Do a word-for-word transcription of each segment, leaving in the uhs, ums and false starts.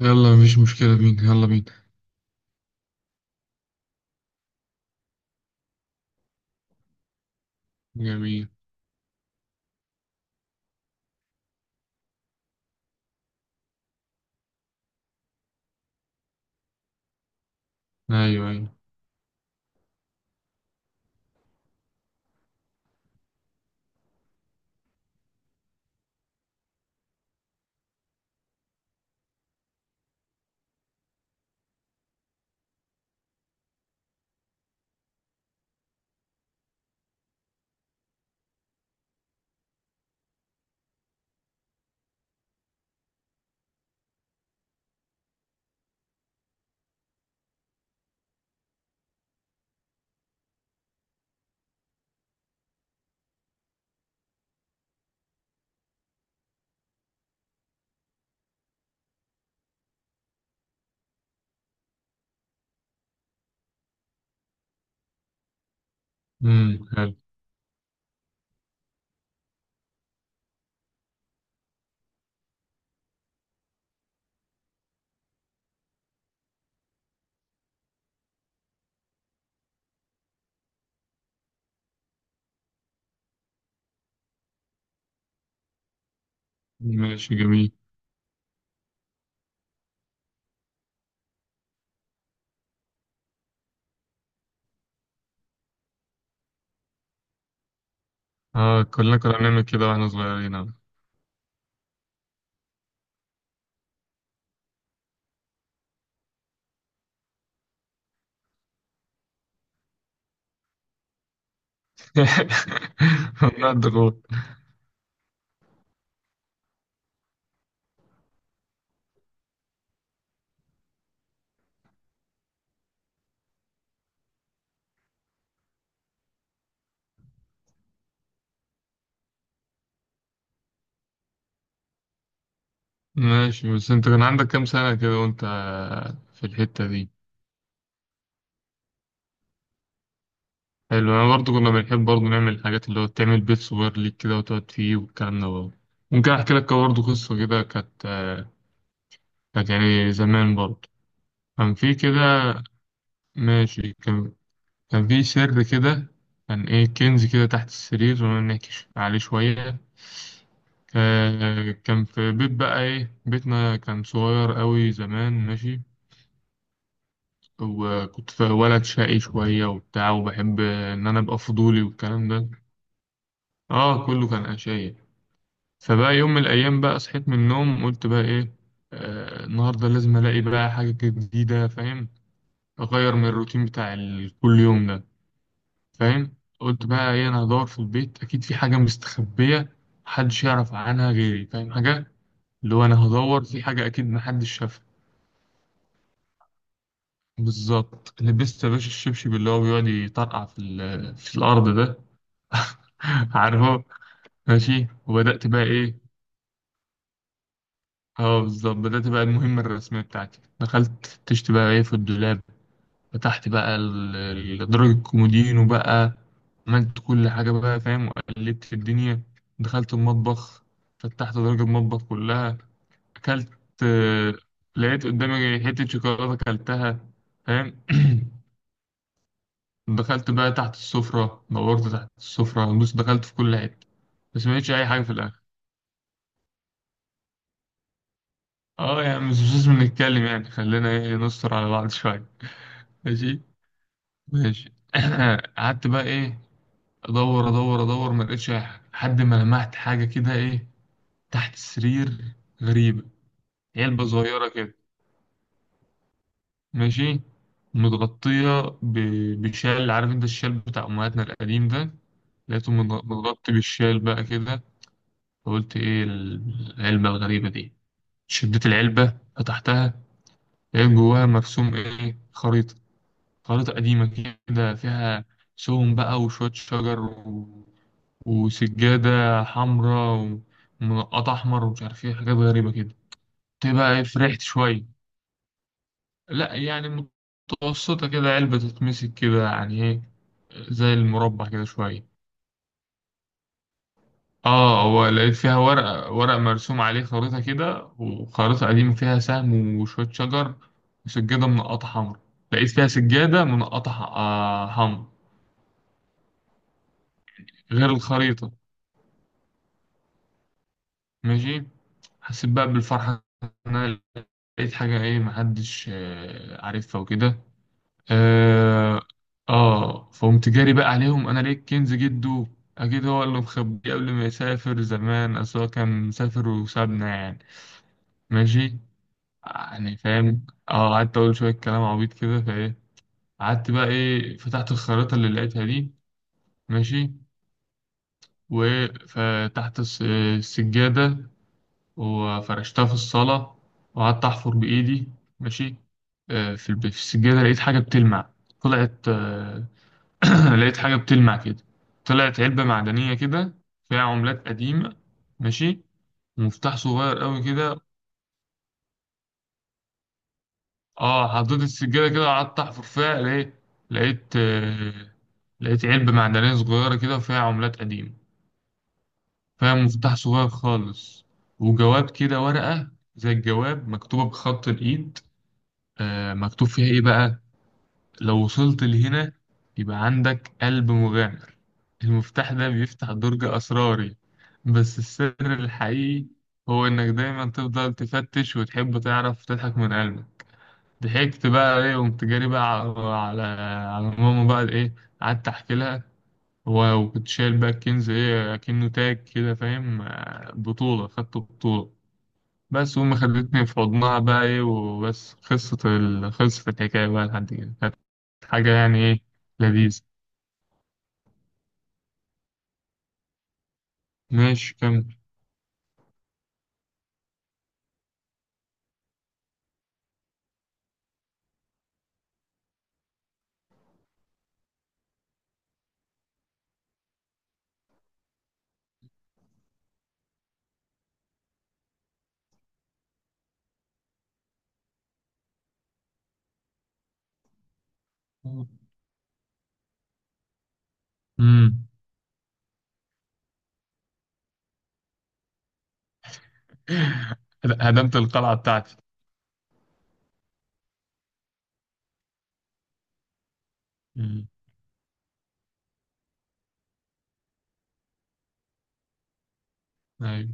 يلا، مفيش مشكلة بينا، يلا بينا. جميل. أيوه أيوه. أمم حلو. ماشي، جميل. آه، كلنا كنا بنعمل كده وإحنا صغيرين أهو. والله الضغوط. ماشي، بس أنت كان عندك كام سنة كده وأنت في الحتة دي؟ حلو. أنا برضو كنا بنحب برضو نعمل الحاجات اللي هو تعمل بيت صغير ليك كده وتقعد فيه والكلام ده برضو. ممكن أحكي لك برضو قصة كده. كانت آه، كانت يعني زمان برضو. كان في كده. ماشي. كان كان في سر كده. كان إيه، كنز كده تحت السرير، ونكش عليه شوية. آه، كان في بيت بقى إيه، بيتنا كان صغير أوي زمان، ماشي. وكنت في ولد شقي شوية وبتاع، وبحب إن أنا أبقى فضولي والكلام ده. آه، كله كان أشياء. فبقى يوم من الأيام بقى صحيت من النوم، قلت بقى إيه، آه، النهاردة لازم ألاقي بقى حاجة جديدة، فاهم؟ أغير من الروتين بتاع ال- كل يوم ده. فاهم؟ قلت بقى ايه، انا هدور في البيت، اكيد في حاجه مستخبيه محدش يعرف عنها غيري، فاهم؟ حاجه اللي هو انا هدور في حاجه اكيد محدش شافها. بالظبط، لبست يا باشا الشبشب اللي هو بيقعد يطرقع في ال- في الارض ده. عارفه. ماشي، وبدات بقى ايه. اه بالظبط، بدات بقى المهمه الرسميه بتاعتي. دخلت تشت بقى ايه في الدولاب، فتحت بقى ال- ال- درج الكومودينو بقى، عملت كل حاجة بقى، فاهم؟ وقلبت في الدنيا. دخلت المطبخ، فتحت درج المطبخ كلها. أكلت آه، لقيت قدامي حتة شوكولاتة أكلتها، فاهم؟ دخلت بقى تحت السفرة، دورت تحت السفرة، بص دخلت في كل حتة، بس ما لقيتش أي حاجة في الآخر. اه، يعني مش لازم نتكلم، يعني خلينا ايه نستر على بعض شوية. ماشي. ماشي. قعدت بقى ايه، ادور ادور ادور، ما لقيتش اي حاجه، لحد ما لمحت حاجه كده ايه، تحت السرير، غريبه، علبه صغيره كده. ماشي. متغطيه ب- بشال، عارف انت الشال بتاع امهاتنا القديم ده. لقيته متغ- متغطي بالشال بقى كده. فقلت ايه العلبه الغريبه دي؟ شديت العلبه، فتحتها، لقيت جواها مرسوم ايه، خريطه. خريطه قديمه كده فيها سهم بقى وشويه شجر، وسجادة حمراء، ومنقطة أحمر، ومش عارف إيه، حاجات غريبة كده. تبقى إيه، فرحت شوية. لأ يعني، متوسطة كده، علبة تتمسك كده يعني إيه، زي المربع كده شوية. آه، هو لقيت فيها ورق، ورق مرسوم عليه خريطة كده، وخريطة قديمة فيها سهم وشوية شجر وسجادة منقطة حمراء. لقيت فيها سجادة منقطة ح- آه، حمراء، غير الخريطة. ماشي. حسيت بقى بالفرحة إن أنا لقيت حاجة إيه محدش آه، عارفها وكده. آه, آه فقمت جاري بقى عليهم، أنا لقيت كنز جده، أكيد هو اللي مخبيه قبل ما يسافر زمان، أصل هو كان مسافر وسابنا يعني. ماشي. يعني فاهم، آه قعدت أقول شوية كلام عبيط كده، فإيه، قعدت بقى إيه فتحت الخريطة اللي لقيتها دي. ماشي. وفتحت الس- السجادة، وفرشتها في الصالة، وقعدت أحفر بإيدي. ماشي. آه، في الب- في السجادة لقيت حاجة بتلمع. طلعت آه، لقيت حاجة بتلمع كده، طلعت علبة معدنية كده فيها عملات قديمة. ماشي. ومفتاح صغير قوي كده. اه، حطيت السجادة كده، قعدت أحفر فيها، لقيت لقيت آه، لقيت علبة معدنية صغيرة كده فيها عملات قديمة، فيها مفتاح صغير خالص، وجواب كده، ورقة زي الجواب مكتوبة بخط الإيد. آه، مكتوب فيها إيه بقى: لو وصلت لهنا، يبقى عندك قلب مغامر، المفتاح ده بيفتح درج أسراري، بس السر الحقيقي هو إنك دايما تفضل تفتش وتحب تعرف تضحك من قلبك. ضحكت بقى إيه، وقمت جاري بقى على على على ماما بقى إيه، قعدت أحكي لها. و- وكنت شايل بقى الكنز إيه كأنه تاج كده، فاهم، آه، بطولة، خدت بطولة. بس وأمي خدتني في حضنها بقى إيه، وبس خلصت ال... خلصت الحكاية بقى لحد كده، كانت حاجة يعني إيه، لذيذة. ماشي، كمل. مم. هدمت القلعة بتاعتي. مم. أيوة.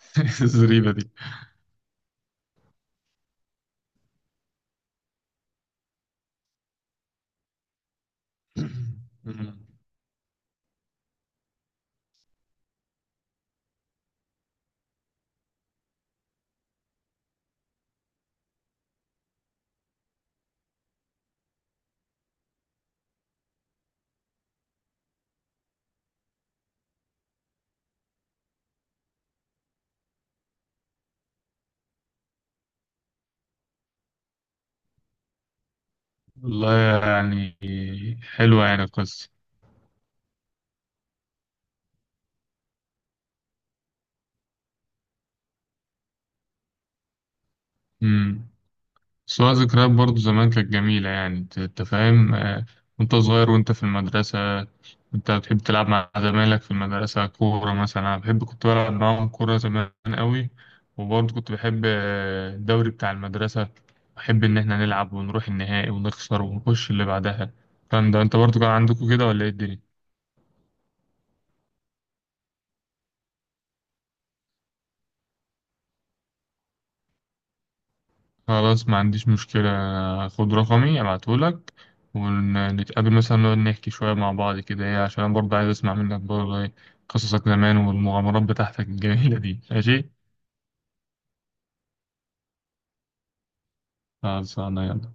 الزريبة دي. مم. والله، يعني حلوة يعني القصة. مم. سواء ذكريات برضو زمان كانت جميلة، يعني انت انت فاهم، آه، وانت صغير وانت في المدرسة، انت بتحب تلعب مع زمايلك في المدرسة كورة مثلا. انا بحب، كنت بلعب معاهم كورة زمان قوي. وبرضو كنت بحب آه، الدوري بتاع المدرسة. بحب ان احنا نلعب ونروح النهائي ونخسر ونخش اللي بعدها. الكلام ده انت برضو كان عندكم كده ولا ايه الدنيا؟ خلاص، ما عنديش مشكلة، خد رقمي ابعتهولك، ونتقابل مثلا، نقعد نحكي شوية مع بعض كده ايه، عشان أنا برضه عايز اسمع منك برضه ايه قصصك زمان والمغامرات بتاعتك الجميلة دي، ماشي. خلاص، انا يلا.